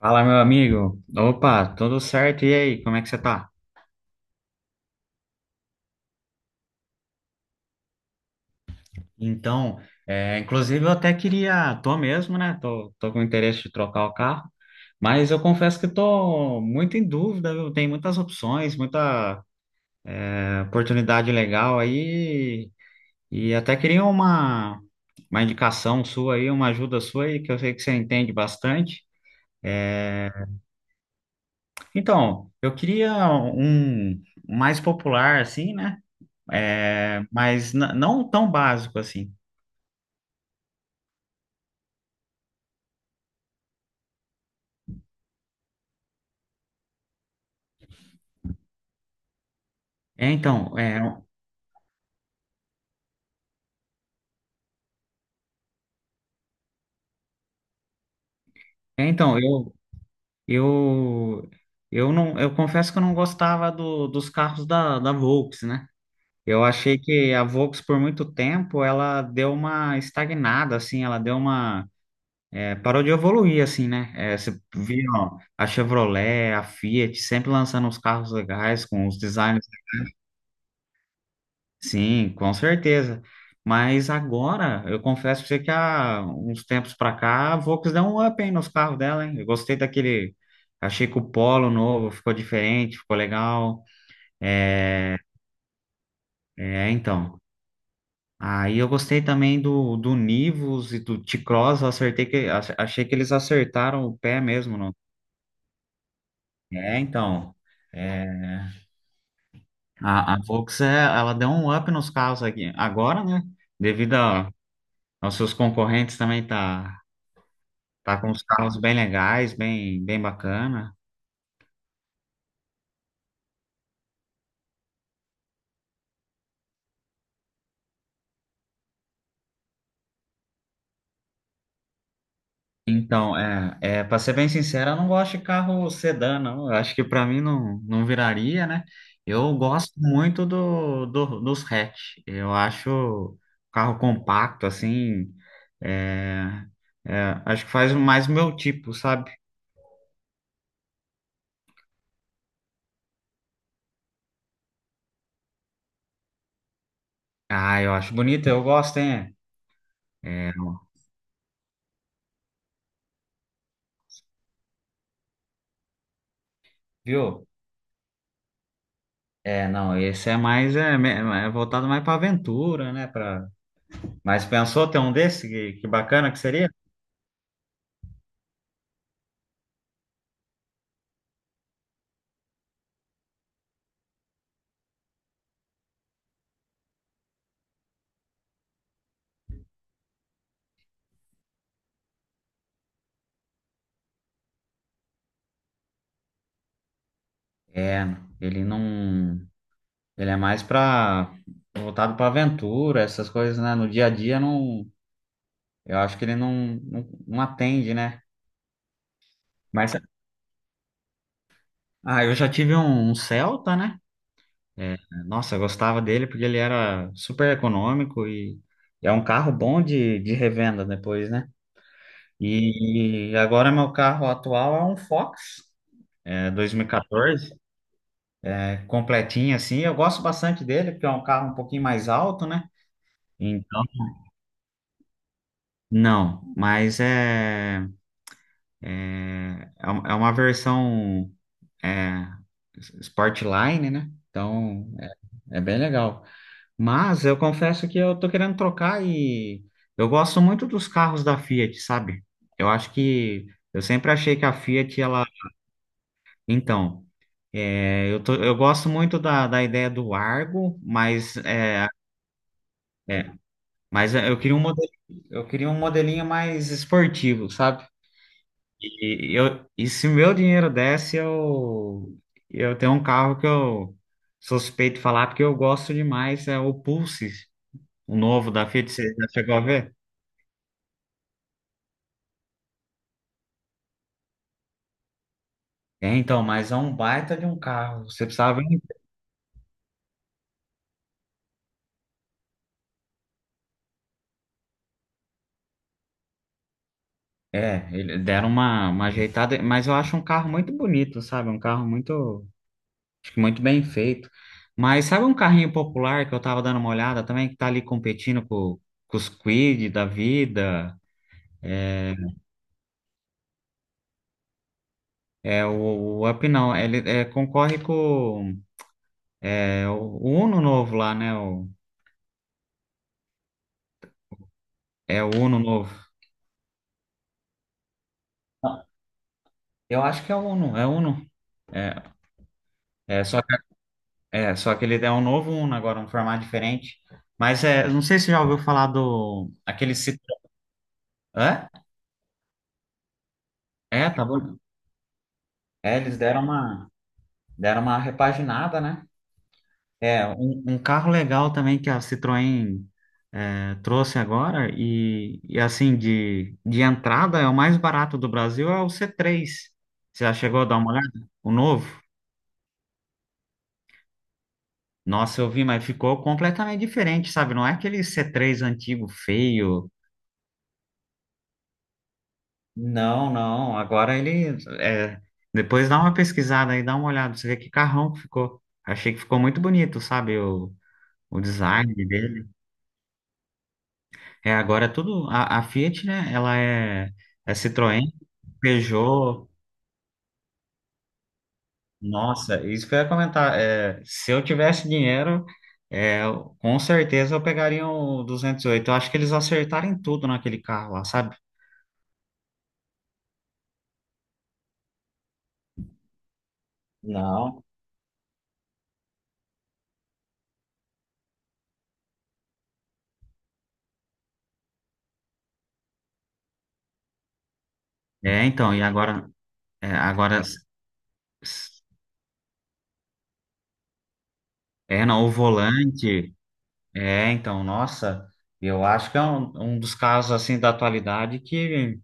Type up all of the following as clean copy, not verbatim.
Fala, meu amigo. Opa, tudo certo? E aí, como é que você tá? Então, inclusive eu até queria, tô mesmo, né? Tô com interesse de trocar o carro, mas eu confesso que tô muito em dúvida, viu? Tem muitas opções, muita oportunidade legal aí, e até queria uma indicação sua aí, uma ajuda sua aí, que eu sei que você entende bastante. Então, eu queria um mais popular, assim, né? Mas não tão básico assim. É, então, é, então, eu, eu não, eu confesso que eu não gostava dos carros da Volks, né? Eu achei que a Volks por muito tempo ela deu uma estagnada, assim, ela deu uma, é, parou de evoluir, assim, né? É, você viu ó, a Chevrolet, a Fiat sempre lançando os carros legais com os designs. Sim, com certeza. Mas agora, eu confesso pra você que há uns tempos pra cá, a Volks deu um up, hein, nos carros dela, hein? Eu gostei daquele. Achei que o Polo novo ficou diferente, ficou legal. É, então. Aí eu gostei também do Nivus e do T-Cross. Eu acertei que, ach- achei que eles acertaram o pé mesmo, não? Então. É, a Volks, ela deu um up nos carros aqui. Agora, né? Devido aos seus concorrentes também tá. Tá com uns carros bem legais, bem bacana. Então, para ser bem sincero, eu não gosto de carro sedã, não. Eu acho que para mim não, não viraria, né? Eu gosto muito dos hatch. Eu acho carro compacto, assim. é, acho que faz mais o meu tipo, sabe? Ah, eu acho bonito, eu gosto, hein? É, Viu? Não, esse é mais é voltado mais para aventura, né? Pra... Mas pensou ter um desse? Que bacana que seria? É, ele não. Ele é mais pra, voltado pra aventura, essas coisas, né? No dia a dia, não. Eu acho que ele não, não, não atende, né? Mas, ah, eu já tive um Celta, né? É, Nossa, eu gostava dele porque ele era super econômico e é um carro bom de revenda depois, né? E agora meu carro atual é um Fox, é 2014, é completinho assim. Eu gosto bastante dele porque é um carro um pouquinho mais alto, né? Então. Não, mas é uma versão é, Sportline, né? Então é bem legal. Mas eu confesso que eu tô querendo trocar e eu gosto muito dos carros da Fiat, sabe? Eu acho que eu sempre achei que a Fiat, ela. Então, eu tô, eu gosto muito da ideia do Argo, é, mas eu queria um modelinho mais esportivo, sabe? E se meu dinheiro desse, eu tenho um carro que eu suspeito de falar porque eu gosto demais, é o Pulse, o novo da Fiat, você já chegou a ver? Então, mas é um baita de um carro, você precisava... Deram uma ajeitada, mas eu acho um carro muito bonito, sabe? Um carro muito, acho que muito bem feito. Mas sabe um carrinho popular que eu tava dando uma olhada também, que tá ali competindo com os Kwid da vida? É, o, o Up não, ele concorre com o Uno novo lá, né? É o Uno novo. Não, eu acho que é o Uno, é o Uno. É, é, só que, só que ele é um novo Uno agora, um formato diferente. Mas não sei se você já ouviu falar do aquele Citroën. Hã? É, tá bom. Eles deram uma repaginada, né? Um carro legal também que a Citroën trouxe agora, e assim, de entrada, é o mais barato do Brasil, é o C3. Você já chegou a dar uma olhada? O novo? Nossa, eu vi, mas ficou completamente diferente, sabe? Não é aquele C3 antigo, feio. Não, não. Depois dá uma pesquisada aí, dá uma olhada, você vê que carrão que ficou. Achei que ficou muito bonito, sabe? O design dele. Agora é tudo. A Fiat, né? Ela é Citroën, Peugeot. Nossa, isso que eu ia comentar. Se eu tivesse dinheiro, com certeza eu pegaria o 208. Eu acho que eles acertaram em tudo naquele carro lá, sabe? Não. Então, e agora. Agora. Não, o volante. Então, nossa. Eu acho que é um dos carros assim da atualidade que.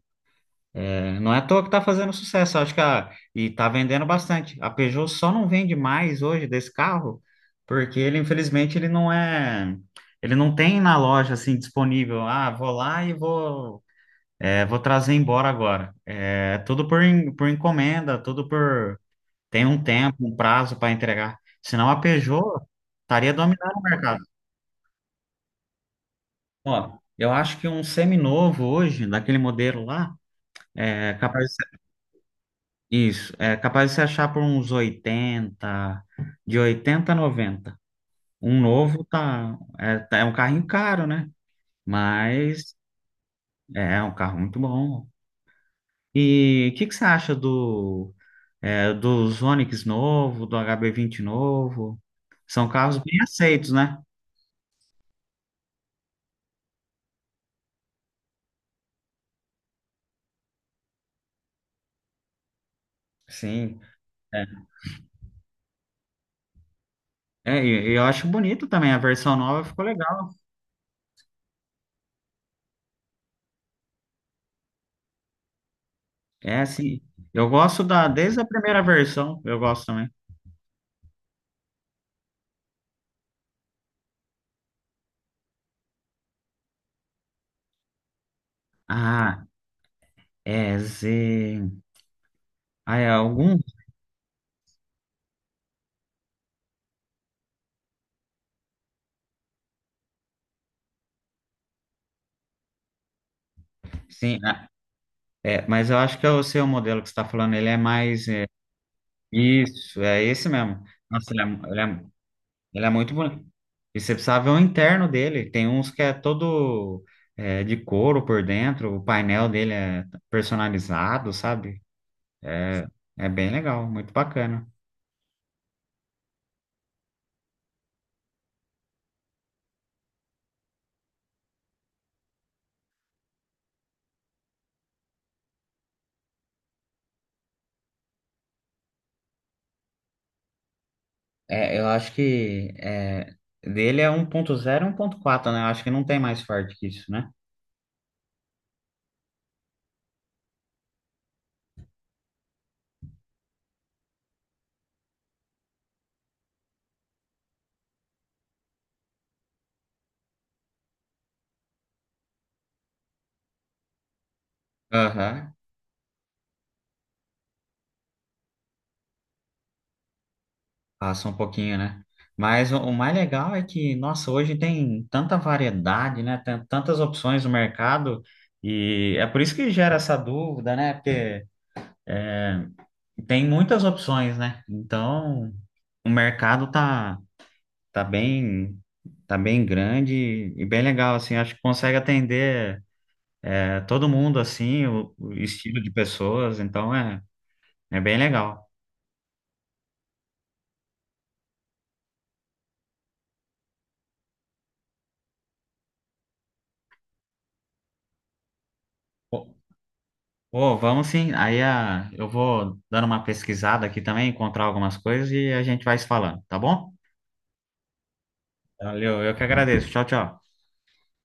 Não é à toa que tá fazendo sucesso, e tá vendendo bastante. A Peugeot só não vende mais hoje desse carro, porque ele, infelizmente, ele não é, ele não tem na loja assim disponível. Ah, vou lá e vou trazer embora agora. É tudo por encomenda, tudo por tem um tempo, um prazo para entregar. Senão a Peugeot estaria dominando o mercado. Ó, eu acho que um seminovo hoje, daquele modelo lá, é capaz. Isso, é capaz de você achar por uns 80, de 80 a 90. Um novo tá, é um carrinho caro, né? Mas é um carro muito bom. E o que, que você acha dos Onix novo, do HB20 novo? São carros bem aceitos, né? Sim. É, e eu acho bonito também, a versão nova ficou legal. É, sim, desde a primeira versão, eu gosto também. Ah, Z. Ah, é algum. Sim, mas eu acho que é o seu modelo que você está falando, ele é mais. É, isso, é esse mesmo. Nossa, ele é muito bonito. E você precisava ver o interno dele. Tem uns que é todo de couro por dentro, o painel dele é personalizado, sabe? É bem legal, muito bacana. Eu acho que dele é 1.0 e 1.4, né? Eu acho que não tem mais forte que isso, né? Aham. Passa um pouquinho, né? Mas o mais legal é que, nossa, hoje tem tanta variedade, né? Tem tantas opções no mercado e é por isso que gera essa dúvida, né? Porque é, tem muitas opções, né? Então, o mercado tá bem, tá bem grande e bem legal, assim. Acho que consegue atender todo mundo, assim, o estilo de pessoas. Então, é bem legal. Pô, vamos sim. Aí eu vou dando uma pesquisada aqui também, encontrar algumas coisas e a gente vai se falando, tá bom? Valeu, eu que agradeço. Tchau, tchau.